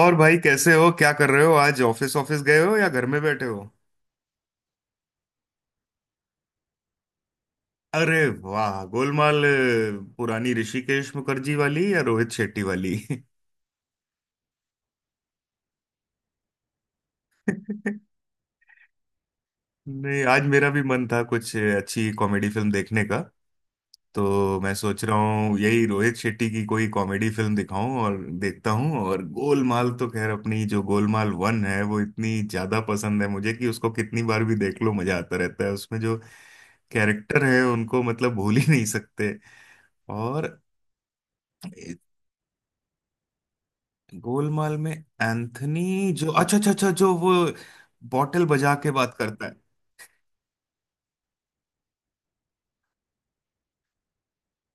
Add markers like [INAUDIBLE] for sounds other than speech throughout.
और भाई कैसे हो। क्या कर रहे हो। आज ऑफिस ऑफिस गए हो या घर में बैठे हो। अरे वाह, गोलमाल पुरानी ऋषिकेश मुखर्जी वाली या रोहित शेट्टी वाली [LAUGHS] नहीं, आज मेरा भी मन था कुछ अच्छी कॉमेडी फिल्म देखने का। तो मैं सोच रहा हूँ यही रोहित शेट्टी की कोई कॉमेडी फिल्म दिखाऊं और देखता हूँ। और गोलमाल तो खैर, अपनी जो गोलमाल वन है वो इतनी ज्यादा पसंद है मुझे कि उसको कितनी बार भी देख लो मजा आता रहता है। उसमें जो कैरेक्टर है उनको मतलब भूल ही नहीं सकते। और ए- गोलमाल में एंथनी, जो अच्छा अच्छा अच्छा, जो वो बॉटल बजा के बात करता है।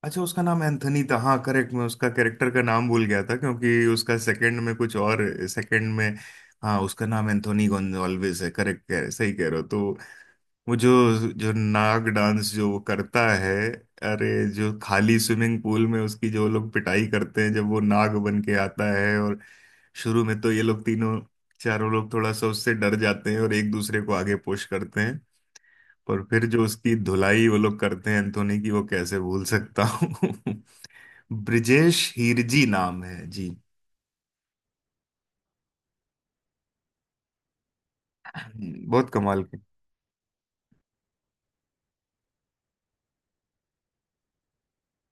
अच्छा, उसका नाम एंथनी था, हाँ, करेक्ट। मैं उसका कैरेक्टर का नाम भूल गया था, क्योंकि उसका सेकंड में कुछ और सेकंड में। हाँ, उसका नाम एंथोनी गोन्जाल्विस है, करेक्ट कह रहे, सही कह रहे हो। तो वो जो जो नाग डांस जो वो करता है, अरे, जो खाली स्विमिंग पूल में उसकी जो लोग पिटाई करते हैं, जब वो नाग बन के आता है। और शुरू में तो ये लोग तीनों चारों लोग थोड़ा सा उससे डर जाते हैं और एक दूसरे को आगे पुश करते हैं। पर फिर जो उसकी धुलाई वो लोग करते हैं एंथोनी की, वो कैसे भूल सकता हूँ [LAUGHS] ब्रिजेश हीरजी नाम है जी [LAUGHS] बहुत कमाल।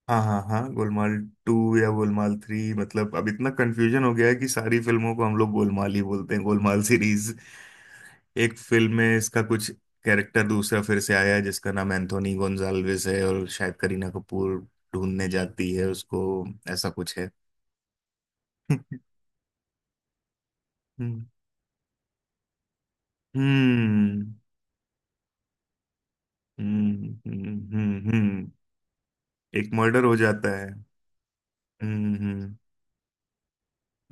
हाँ हाँ हाँ, गोलमाल टू या गोलमाल थ्री, मतलब अब इतना कंफ्यूजन हो गया है कि सारी फिल्मों को हम लोग गोलमाल ही बोलते हैं, गोलमाल सीरीज। एक फिल्म में इसका कुछ कैरेक्टर दूसरा फिर से आया है जिसका नाम एंथोनी गोंजाल्विस है, और शायद करीना कपूर ढूंढने जाती है उसको। ऐसा कुछ है [LAUGHS] हम्म हम्म हम्म हम्म हम्म, हम्म। एक मर्डर हो जाता है। हम्म हम्म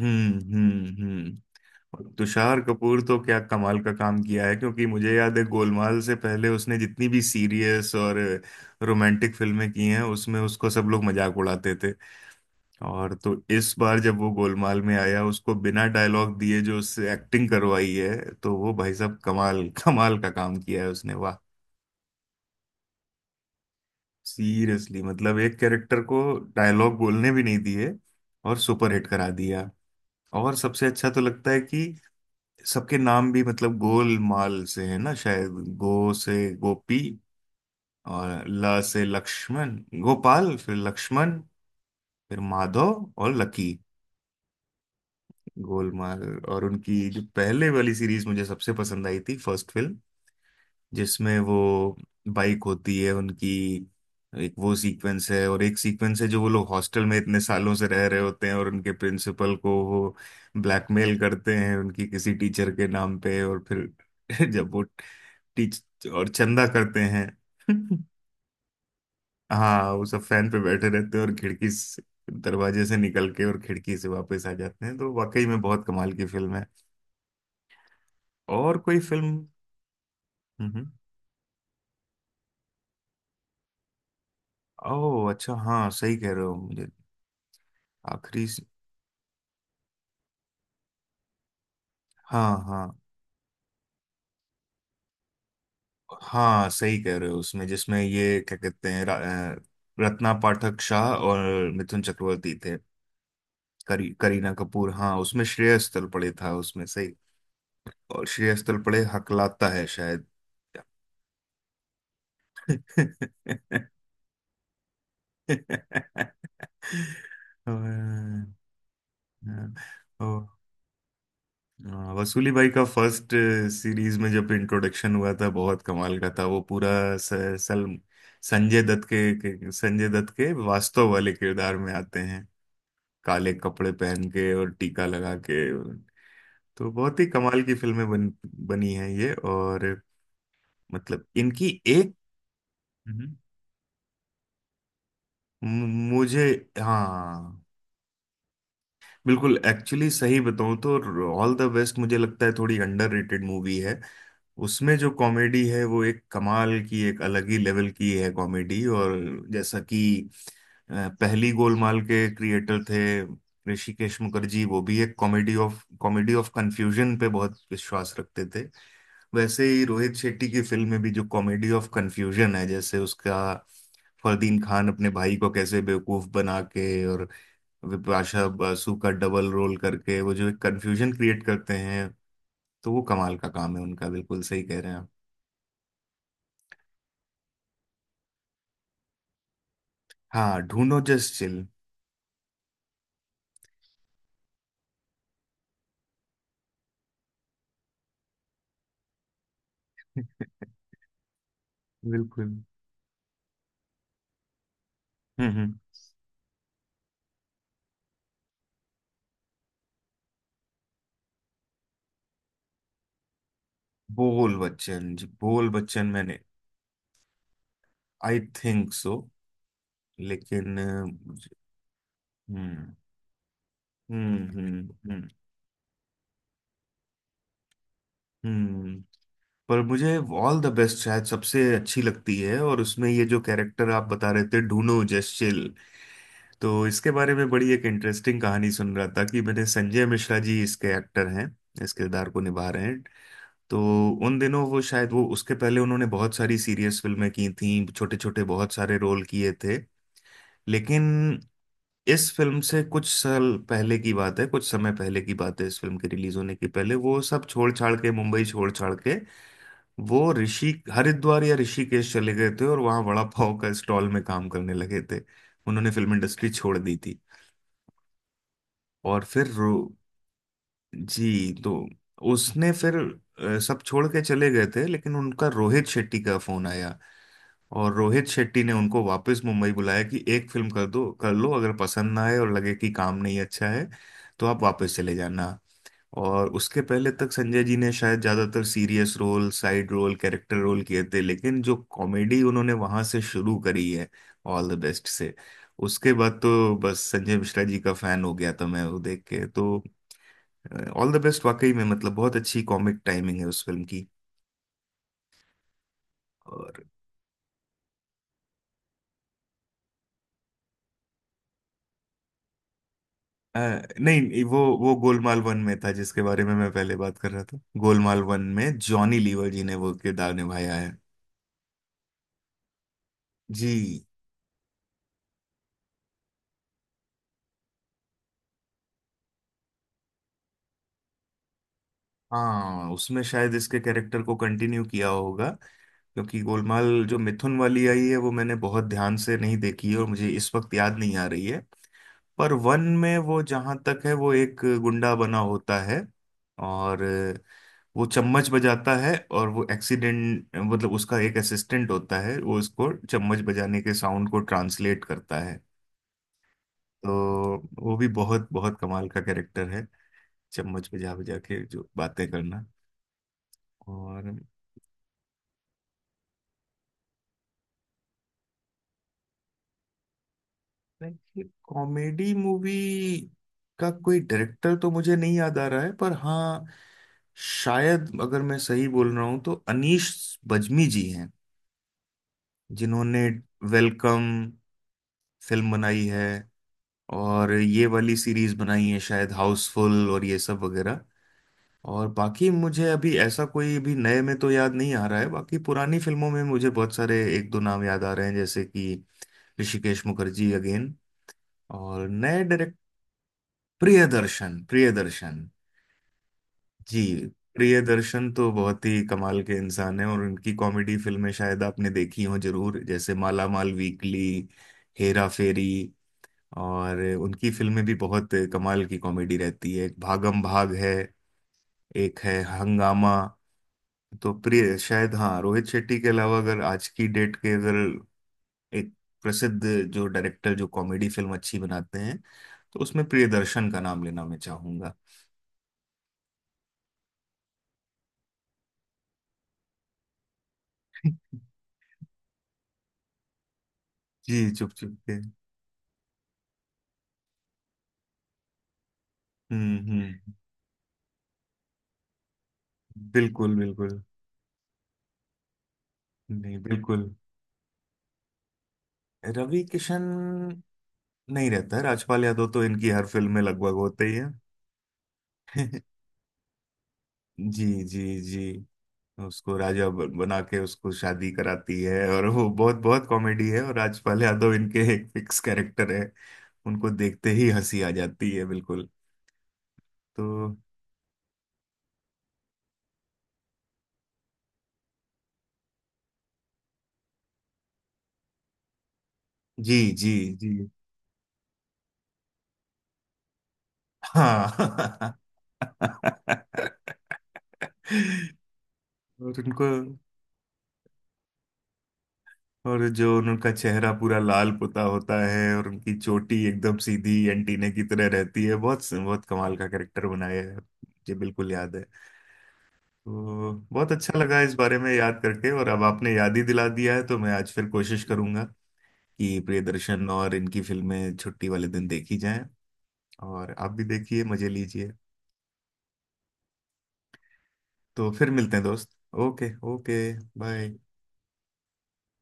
हम्म हम्म हम्म तुषार कपूर तो क्या कमाल का काम किया है, क्योंकि मुझे याद है गोलमाल से पहले उसने जितनी भी सीरियस और रोमांटिक फिल्में की हैं उसमें उसको सब लोग मजाक उड़ाते थे। और तो इस बार जब वो गोलमाल में आया, उसको बिना डायलॉग दिए जो उससे एक्टिंग करवाई है, तो वो भाई साहब कमाल कमाल का काम किया है उसने, वाह। सीरियसली मतलब एक कैरेक्टर को डायलॉग बोलने भी नहीं दिए और सुपरहिट करा दिया। और सबसे अच्छा तो लगता है कि सबके नाम भी मतलब गोलमाल से है ना शायद। गो से गोपी और ल से लक्ष्मण, गोपाल फिर लक्ष्मण फिर माधव और लकी, गोलमाल। और उनकी जो पहले वाली सीरीज मुझे सबसे पसंद आई थी फर्स्ट फिल्म, जिसमें वो बाइक होती है उनकी, एक वो सीक्वेंस है। और एक सीक्वेंस है जो वो लोग हॉस्टल में इतने सालों से रह रहे होते हैं और उनके प्रिंसिपल को वो ब्लैकमेल करते हैं उनकी किसी टीचर के नाम पे। और फिर [LAUGHS] जब वो टीच और चंदा करते हैं [LAUGHS] हाँ, वो सब फैन पे बैठे रहते हैं और दरवाजे से निकल के और खिड़की से वापस आ जाते हैं। तो वाकई में बहुत कमाल की फिल्म है। और कोई फिल्म। हम्म। हम्म। ओह अच्छा, हाँ सही कह रहे हो। आखिरी से- हाँ हाँ हाँ सही कह रहे हो। उसमें जिसमें ये क्या कहते हैं अ, रत्ना पाठक शाह और मिथुन चक्रवर्ती थे। करीना कपूर, हाँ, उसमें श्रेयस तलपड़े था उसमें, सही। और श्रेयस तलपड़े हकलाता है शायद [LAUGHS] और, और, और, वसूली भाई का फर्स्ट सीरीज में जब इंट्रोडक्शन हुआ था बहुत कमाल का था वो पूरा। स, सल संजय दत्त के संजय दत्त के वास्तव वाले किरदार में आते हैं, काले कपड़े पहन के और टीका लगा के। तो बहुत ही कमाल की बनी हैं ये। और मतलब इनकी एक, हम्म। मु- मुझे, हाँ बिल्कुल, एक्चुअली सही बताऊं तो ऑल द बेस्ट मुझे लगता है थोड़ी अंडररेटेड मूवी है। उसमें जो कॉमेडी है वो एक कमाल की, एक अलग ही लेवल की है कॉमेडी। और जैसा कि अ, पहली गोलमाल के क्रिएटर थे ऋषिकेश मुखर्जी, वो भी एक कॉमेडी ऑफ कन्फ्यूजन पे बहुत विश्वास रखते थे। वैसे ही रोहित शेट्टी की फिल्म में भी जो कॉमेडी ऑफ कन्फ्यूजन है, जैसे उसका फरदीन खान अपने भाई को कैसे बेवकूफ बना के और विपाशा बासु का डबल रोल करके वो जो एक कंफ्यूजन क्रिएट करते हैं, तो वो कमाल का काम है उनका, बिल्कुल सही कह रहे हैं आप। हाँ, ढूंढो जस्ट चिल [LAUGHS] बिल्कुल। हम्म। बोल बच्चन जी, बोल बच्चन मैंने, आई थिंक सो। लेकिन हम्म हम्म। हम्म। पर मुझे ऑल द बेस्ट शायद सबसे अच्छी लगती है। और उसमें ये जो कैरेक्टर आप बता रहे थे ढूंढो जस्ट चिल, तो इसके बारे में बड़ी एक इंटरेस्टिंग कहानी सुन रहा था कि, मैंने, संजय मिश्रा जी इसके एक्टर हैं, इस किरदार को निभा रहे हैं। तो उन दिनों वो शायद, वो उसके पहले उन्होंने बहुत सारी सीरियस फिल्में की थीं, छोटे छोटे बहुत सारे रोल किए थे। लेकिन इस फिल्म से कुछ साल पहले की बात है, कुछ समय पहले की बात है, इस फिल्म के रिलीज होने के पहले, वो सब छोड़ छाड़ के, मुंबई छोड़ छाड़ के, वो ऋषि हरिद्वार या ऋषिकेश चले गए थे और वहाँ वड़ा पाव का स्टॉल में काम करने लगे थे। उन्होंने फिल्म इंडस्ट्री छोड़ दी थी। और फिर रो जी। तो उसने फिर सब छोड़ के चले गए थे, लेकिन उनका रोहित शेट्टी का फोन आया, और रोहित शेट्टी ने उनको वापस मुंबई बुलाया कि एक फिल्म कर दो, कर लो, अगर पसंद ना आए और लगे कि काम नहीं अच्छा है तो आप वापस चले जाना। और उसके पहले तक संजय जी ने शायद ज्यादातर serious role, side role, character role किए थे, लेकिन जो कॉमेडी उन्होंने वहां से शुरू करी है, ऑल द बेस्ट से, उसके बाद तो बस संजय मिश्रा जी का फैन हो गया था मैं वो देख के। तो ऑल द बेस्ट वाकई में मतलब बहुत अच्छी कॉमिक टाइमिंग है उस फिल्म की। और अ, नहीं, वो गोलमाल वन में था, जिसके बारे में मैं पहले बात कर रहा था। गोलमाल वन में जॉनी लीवर जी ने वो किरदार निभाया है जी। हाँ, उसमें शायद इसके कैरेक्टर को कंटिन्यू किया होगा, क्योंकि गोलमाल जो मिथुन वाली आई है वो मैंने बहुत ध्यान से नहीं देखी है और मुझे इस वक्त याद नहीं आ रही है। पर वन में वो जहां तक है वो एक गुंडा बना होता है, और वो चम्मच बजाता है, और वो एक्सीडेंट मतलब उसका एक असिस्टेंट होता है, वो उसको चम्मच बजाने के साउंड को ट्रांसलेट करता है। तो वो भी बहुत बहुत कमाल का कैरेक्टर है, चम्मच बजा बजा के जो बातें करना। और देखिए, कॉमेडी मूवी का कोई डायरेक्टर तो मुझे नहीं याद आ रहा है, पर हाँ, शायद, अगर मैं सही बोल रहा हूँ तो अनीश बज्मी जी हैं, जिन्होंने वेलकम फिल्म बनाई है, और ये वाली सीरीज बनाई है शायद हाउसफुल और ये सब वगैरह। और बाकी मुझे अभी ऐसा कोई भी नए में तो याद नहीं आ रहा है। बाकी पुरानी फिल्मों में मुझे बहुत सारे एक दो नाम याद आ रहे हैं, जैसे कि ऋषिकेश मुखर्जी अगेन। और नए, प्रियदर्शन प्रियदर्शन जी, प्रियदर्शन तो बहुत ही कमाल के इंसान हैं, और उनकी कॉमेडी फिल्में शायद आपने देखी हो जरूर, जैसे माला माल वीकली, हेरा फेरी। और उनकी फिल्में भी बहुत कमाल की कॉमेडी रहती है, एक भागम भाग है, एक है हंगामा। तो प्रिय, शायद हाँ, रोहित शेट्टी के अलावा अगर आज की डेट के अगर एक प्रसिद्ध जो डायरेक्टर जो कॉमेडी फिल्म अच्छी बनाते हैं तो उसमें प्रियदर्शन का नाम लेना मैं चाहूंगा। जी, चुप चुप के। हम्म। बिल्कुल बिल्कुल, नहीं बिल्कुल। रवि किशन नहीं रहता है, राजपाल यादव तो इनकी हर फिल्म में लगभग होते ही है [LAUGHS] जी जी जी, उसको बना के उसको शादी कराती है, और वो बहुत बहुत कॉमेडी है, और राजपाल यादव इनके एक फिक्स कैरेक्टर है। उनको देखते ही हंसी आ जाती है, बिल्कुल। तो जी जी जी, हाँ [LAUGHS] और उनको, और जो उनका चेहरा पूरा लाल पुता होता है और उनकी चोटी एकदम सीधी एंटीना की तरह रहती है, बहुत बहुत कमाल का कैरेक्टर बनाया है, मुझे बिल्कुल याद है। तो बहुत अच्छा लगा इस बारे में याद करके, और अब आपने याद ही दिला दिया है तो मैं आज फिर कोशिश करूंगा कि प्रियदर्शन और इनकी फिल्में छुट्टी वाले दिन देखी जाएं, और आप भी देखिए, मजे लीजिए। तो फिर मिलते हैं दोस्त, ओके ओके, बाय।